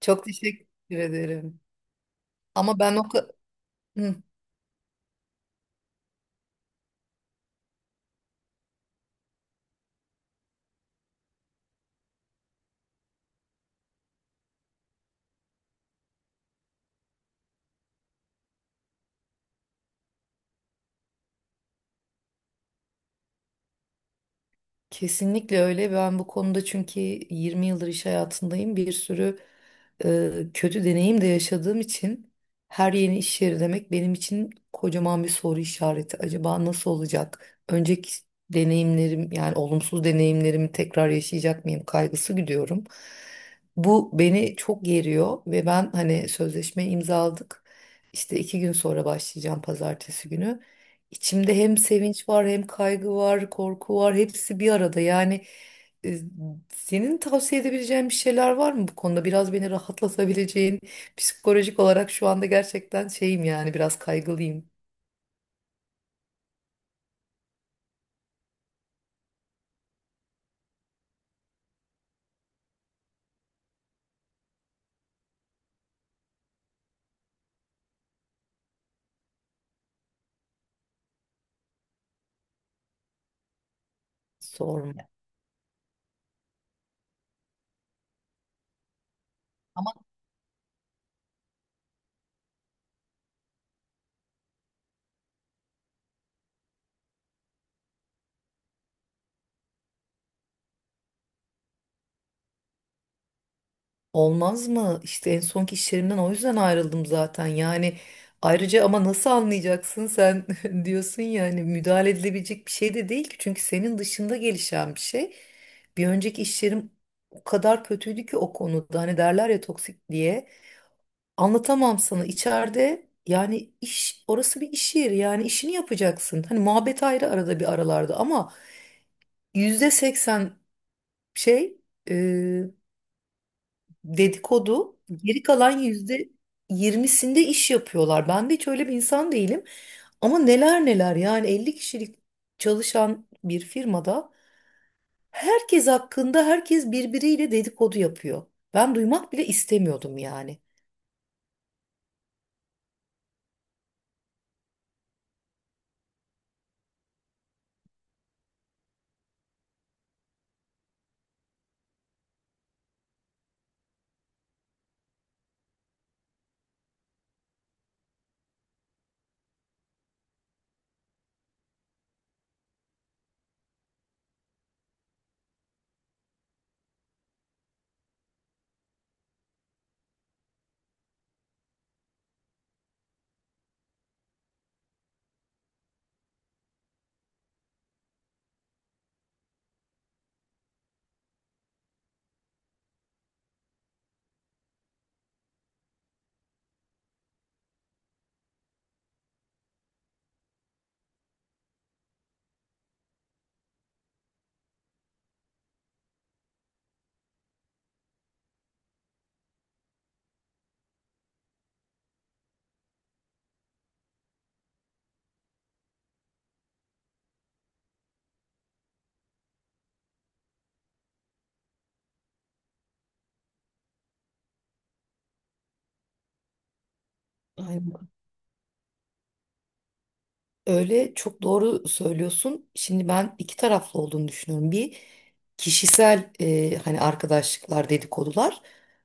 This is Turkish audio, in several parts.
Çok teşekkür ederim. Ama ben o ka- Hı, kesinlikle öyle. Ben bu konuda çünkü 20 yıldır iş hayatındayım. Bir sürü kötü deneyim de yaşadığım için her yeni iş yeri demek benim için kocaman bir soru işareti. Acaba nasıl olacak? Önceki deneyimlerim, yani olumsuz deneyimlerimi tekrar yaşayacak mıyım kaygısı gidiyorum. Bu beni çok geriyor ve ben, hani, sözleşme imzaladık. İşte 2 gün sonra başlayacağım, pazartesi günü. İçimde hem sevinç var, hem kaygı var, korku var. Hepsi bir arada. Yani, e, senin tavsiye edebileceğin bir şeyler var mı bu konuda? Biraz beni rahatlatabileceğin, psikolojik olarak şu anda gerçekten şeyim, yani biraz kaygılıyım. Sorma. Olmaz mı? İşte en sonki iş yerimden o yüzden ayrıldım zaten. Yani ayrıca, ama nasıl anlayacaksın sen? Diyorsun ya, hani müdahale edilebilecek bir şey de değil ki. Çünkü senin dışında gelişen bir şey. Bir önceki iş yerim o kadar kötüydü ki o konuda. Hani derler ya, toksik diye. Anlatamam sana içeride. Yani iş, orası bir iş yeri, yani işini yapacaksın. Hani muhabbet ayrı, arada bir aralarda, ama %80 şey, dedikodu, geri kalan %20'sinde iş yapıyorlar. Ben de hiç öyle bir insan değilim. Ama neler neler, yani 50 kişilik çalışan bir firmada herkes hakkında herkes birbiriyle dedikodu yapıyor. Ben duymak bile istemiyordum yani. Öyle çok doğru söylüyorsun. Şimdi ben iki taraflı olduğunu düşünüyorum. Bir, kişisel, hani arkadaşlıklar, dedikodular,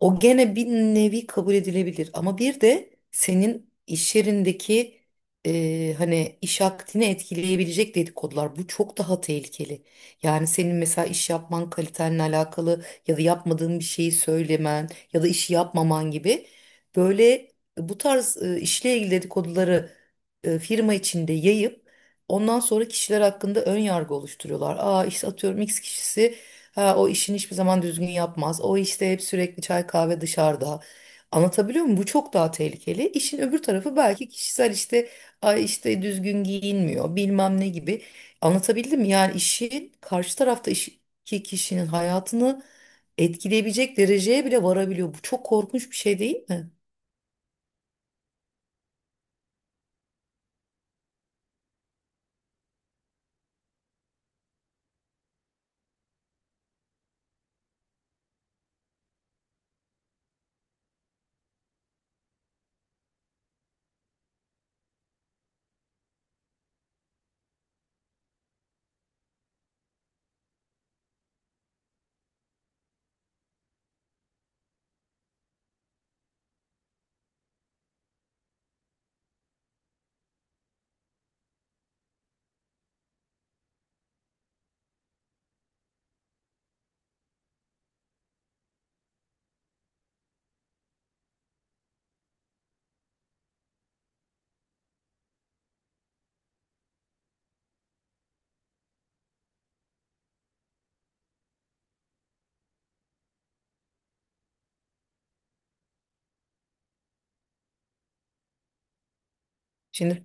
o gene bir nevi kabul edilebilir. Ama bir de senin iş yerindeki, hani iş akdini etkileyebilecek dedikodular, bu çok daha tehlikeli. Yani senin mesela iş yapman kalitenle alakalı, ya da yapmadığın bir şeyi söylemen ya da işi yapmaman gibi, böyle bu tarz işle ilgili dedikoduları firma içinde yayıp ondan sonra kişiler hakkında ön yargı oluşturuyorlar. Aa işte, atıyorum, X kişisi, ha, o işini hiçbir zaman düzgün yapmaz. O işte hep sürekli çay kahve dışarıda. Anlatabiliyor muyum? Bu çok daha tehlikeli. İşin öbür tarafı belki kişisel, işte ay işte düzgün giyinmiyor, bilmem ne gibi. Anlatabildim mi? Yani işin karşı tarafta iş, ki kişinin hayatını etkileyebilecek dereceye bile varabiliyor. Bu çok korkunç bir şey değil mi? Şimdi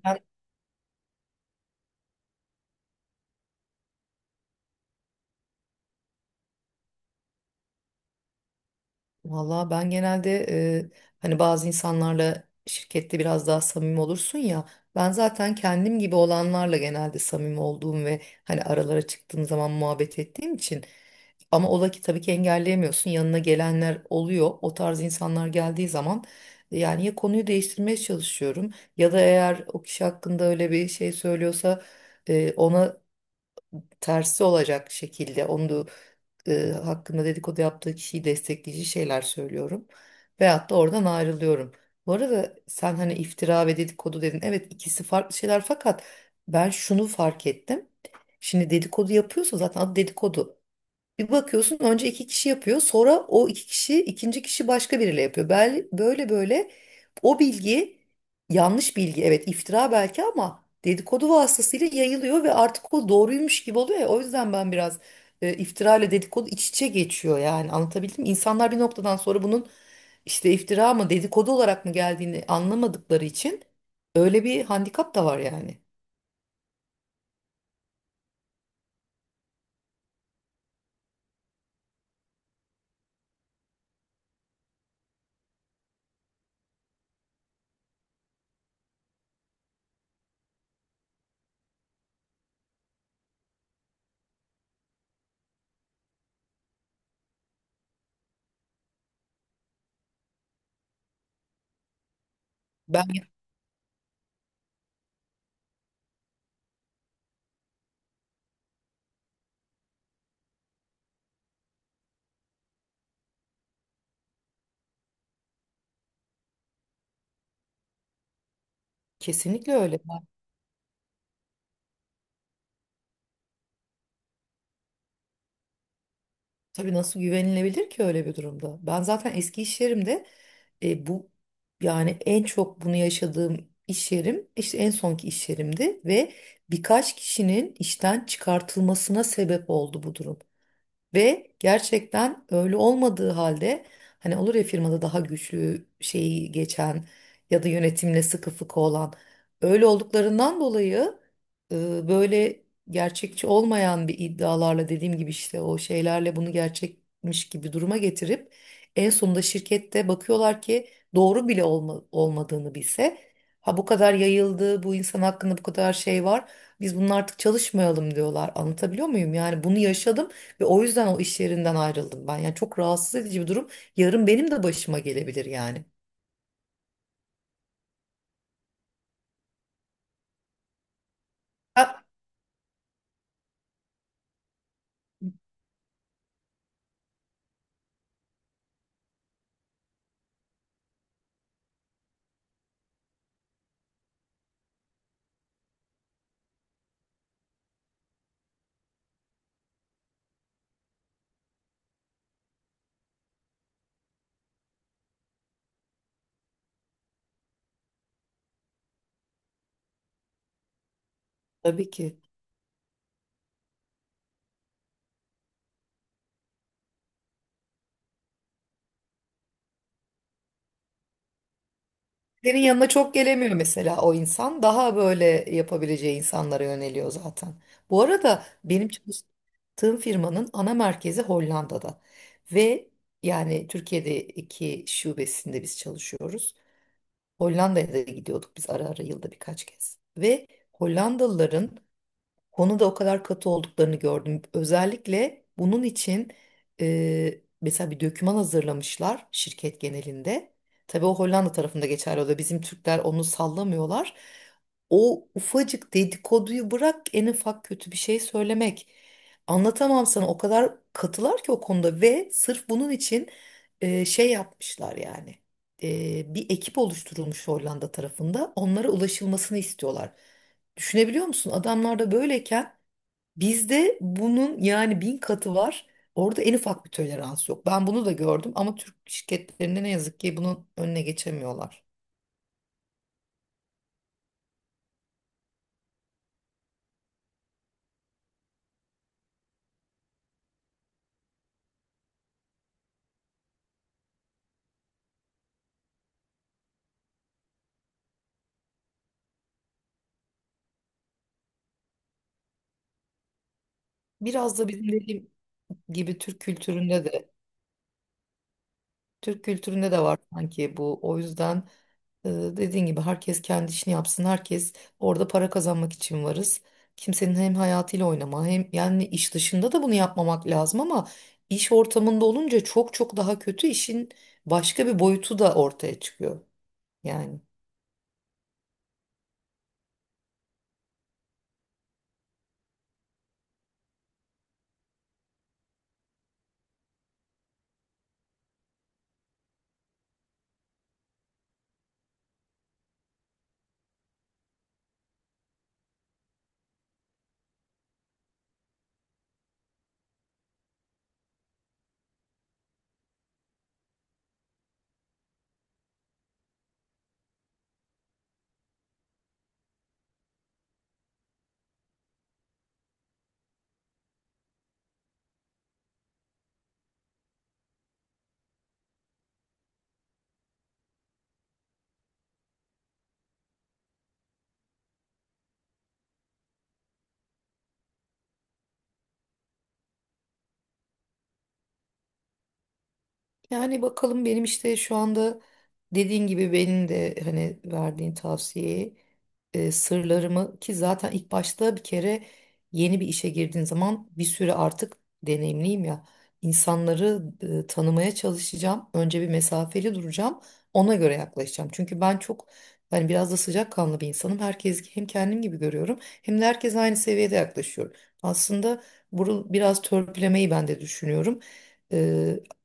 Valla, ben genelde hani bazı insanlarla şirkette biraz daha samimi olursun ya. Ben zaten kendim gibi olanlarla genelde samimi olduğum ve hani aralara çıktığım zaman muhabbet ettiğim için. Ama ola ki, tabii ki, engelleyemiyorsun. Yanına gelenler oluyor. O tarz insanlar geldiği zaman, yani ya konuyu değiştirmeye çalışıyorum, ya da eğer o kişi hakkında öyle bir şey söylüyorsa, ona tersi olacak şekilde onu da, hakkında dedikodu yaptığı kişiyi destekleyici şeyler söylüyorum. Veyahut da oradan ayrılıyorum. Bu arada, sen hani iftira ve dedikodu dedin. Evet, ikisi farklı şeyler, fakat ben şunu fark ettim. Şimdi dedikodu yapıyorsa zaten adı dedikodu. Bir bakıyorsun, önce iki kişi yapıyor, sonra o iki kişi ikinci kişi başka biriyle yapıyor. Böyle böyle o bilgi, yanlış bilgi, evet iftira belki, ama dedikodu vasıtasıyla yayılıyor ve artık o doğruymuş gibi oluyor ya. O yüzden ben biraz, iftira ile dedikodu iç içe geçiyor, yani anlatabildim mi? İnsanlar bir noktadan sonra bunun işte iftira mı, dedikodu olarak mı geldiğini anlamadıkları için öyle bir handikap da var yani. Ben kesinlikle öyle. Tabii, nasıl güvenilebilir ki öyle bir durumda? Ben zaten eski iş yerimde, bu, yani en çok bunu yaşadığım iş yerim işte en sonki iş yerimdi ve birkaç kişinin işten çıkartılmasına sebep oldu bu durum. Ve gerçekten öyle olmadığı halde, hani olur ya firmada daha güçlü şeyi geçen ya da yönetimle sıkı fıkı olan, öyle olduklarından dolayı, böyle gerçekçi olmayan bir iddialarla, dediğim gibi işte o şeylerle bunu gerçekmiş gibi duruma getirip en sonunda şirkette bakıyorlar ki doğru bile olmadığını bilse, ha bu kadar yayıldı, bu insan hakkında bu kadar şey var, biz bunun artık çalışmayalım diyorlar. Anlatabiliyor muyum? Yani bunu yaşadım ve o yüzden o iş yerinden ayrıldım ben. Yani çok rahatsız edici bir durum. Yarın benim de başıma gelebilir yani. Ha. Tabii ki. Senin yanına çok gelemiyor mesela o insan. Daha böyle yapabileceği insanlara yöneliyor zaten. Bu arada benim çalıştığım firmanın ana merkezi Hollanda'da. Ve yani Türkiye'deki şubesinde biz çalışıyoruz. Hollanda'ya da gidiyorduk biz ara ara, yılda birkaç kez. Ve Hollandalıların konuda o kadar katı olduklarını gördüm. Özellikle bunun için mesela bir döküman hazırlamışlar şirket genelinde. Tabii o Hollanda tarafında geçerli oluyor. Bizim Türkler onu sallamıyorlar. O ufacık dedikoduyu bırak, en ufak kötü bir şey söylemek. Anlatamam sana, o kadar katılar ki o konuda ve sırf bunun için şey yapmışlar yani. Bir ekip oluşturulmuş Hollanda tarafında, onlara ulaşılmasını istiyorlar. Düşünebiliyor musun? Adamlar da böyleyken bizde bunun yani 1000 katı var. Orada en ufak bir tolerans yok. Ben bunu da gördüm ama Türk şirketlerinde ne yazık ki bunun önüne geçemiyorlar. Biraz da bizim, dediğim gibi, Türk kültüründe de, Türk kültüründe de var sanki bu. O yüzden, dediğin gibi, herkes kendi işini yapsın. Herkes orada para kazanmak için varız. Kimsenin hem hayatıyla oynama, hem yani iş dışında da bunu yapmamak lazım, ama iş ortamında olunca çok çok daha kötü, işin başka bir boyutu da ortaya çıkıyor. Yani. Yani bakalım, benim işte şu anda dediğin gibi benim de, hani, verdiğin tavsiyeyi, sırlarımı, ki zaten ilk başta bir kere yeni bir işe girdiğin zaman bir süre artık, deneyimliyim ya, insanları tanımaya çalışacağım. Önce bir mesafeli duracağım. Ona göre yaklaşacağım. Çünkü ben çok, hani, biraz da sıcakkanlı bir insanım. Herkes hem kendim gibi görüyorum, hem de herkes aynı seviyede yaklaşıyorum. Aslında bunu biraz törpülemeyi ben de düşünüyorum.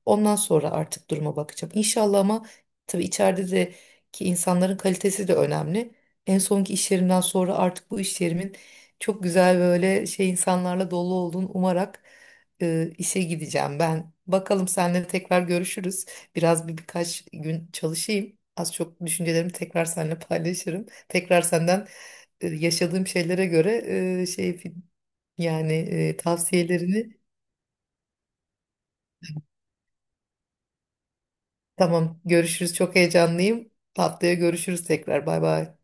Ondan sonra artık duruma bakacağım. İnşallah. Ama tabii içeride de ki insanların kalitesi de önemli. En sonki iş yerimden sonra artık bu iş yerimin çok güzel, böyle şey, insanlarla dolu olduğunu umarak işe gideceğim ben. Bakalım, seninle tekrar görüşürüz. Biraz, bir birkaç gün çalışayım. Az çok düşüncelerimi tekrar seninle paylaşırım. Tekrar senden yaşadığım şeylere göre şey, yani tavsiyelerini. Tamam, görüşürüz. Çok heyecanlıyım. Haftaya görüşürüz tekrar. Bay bay.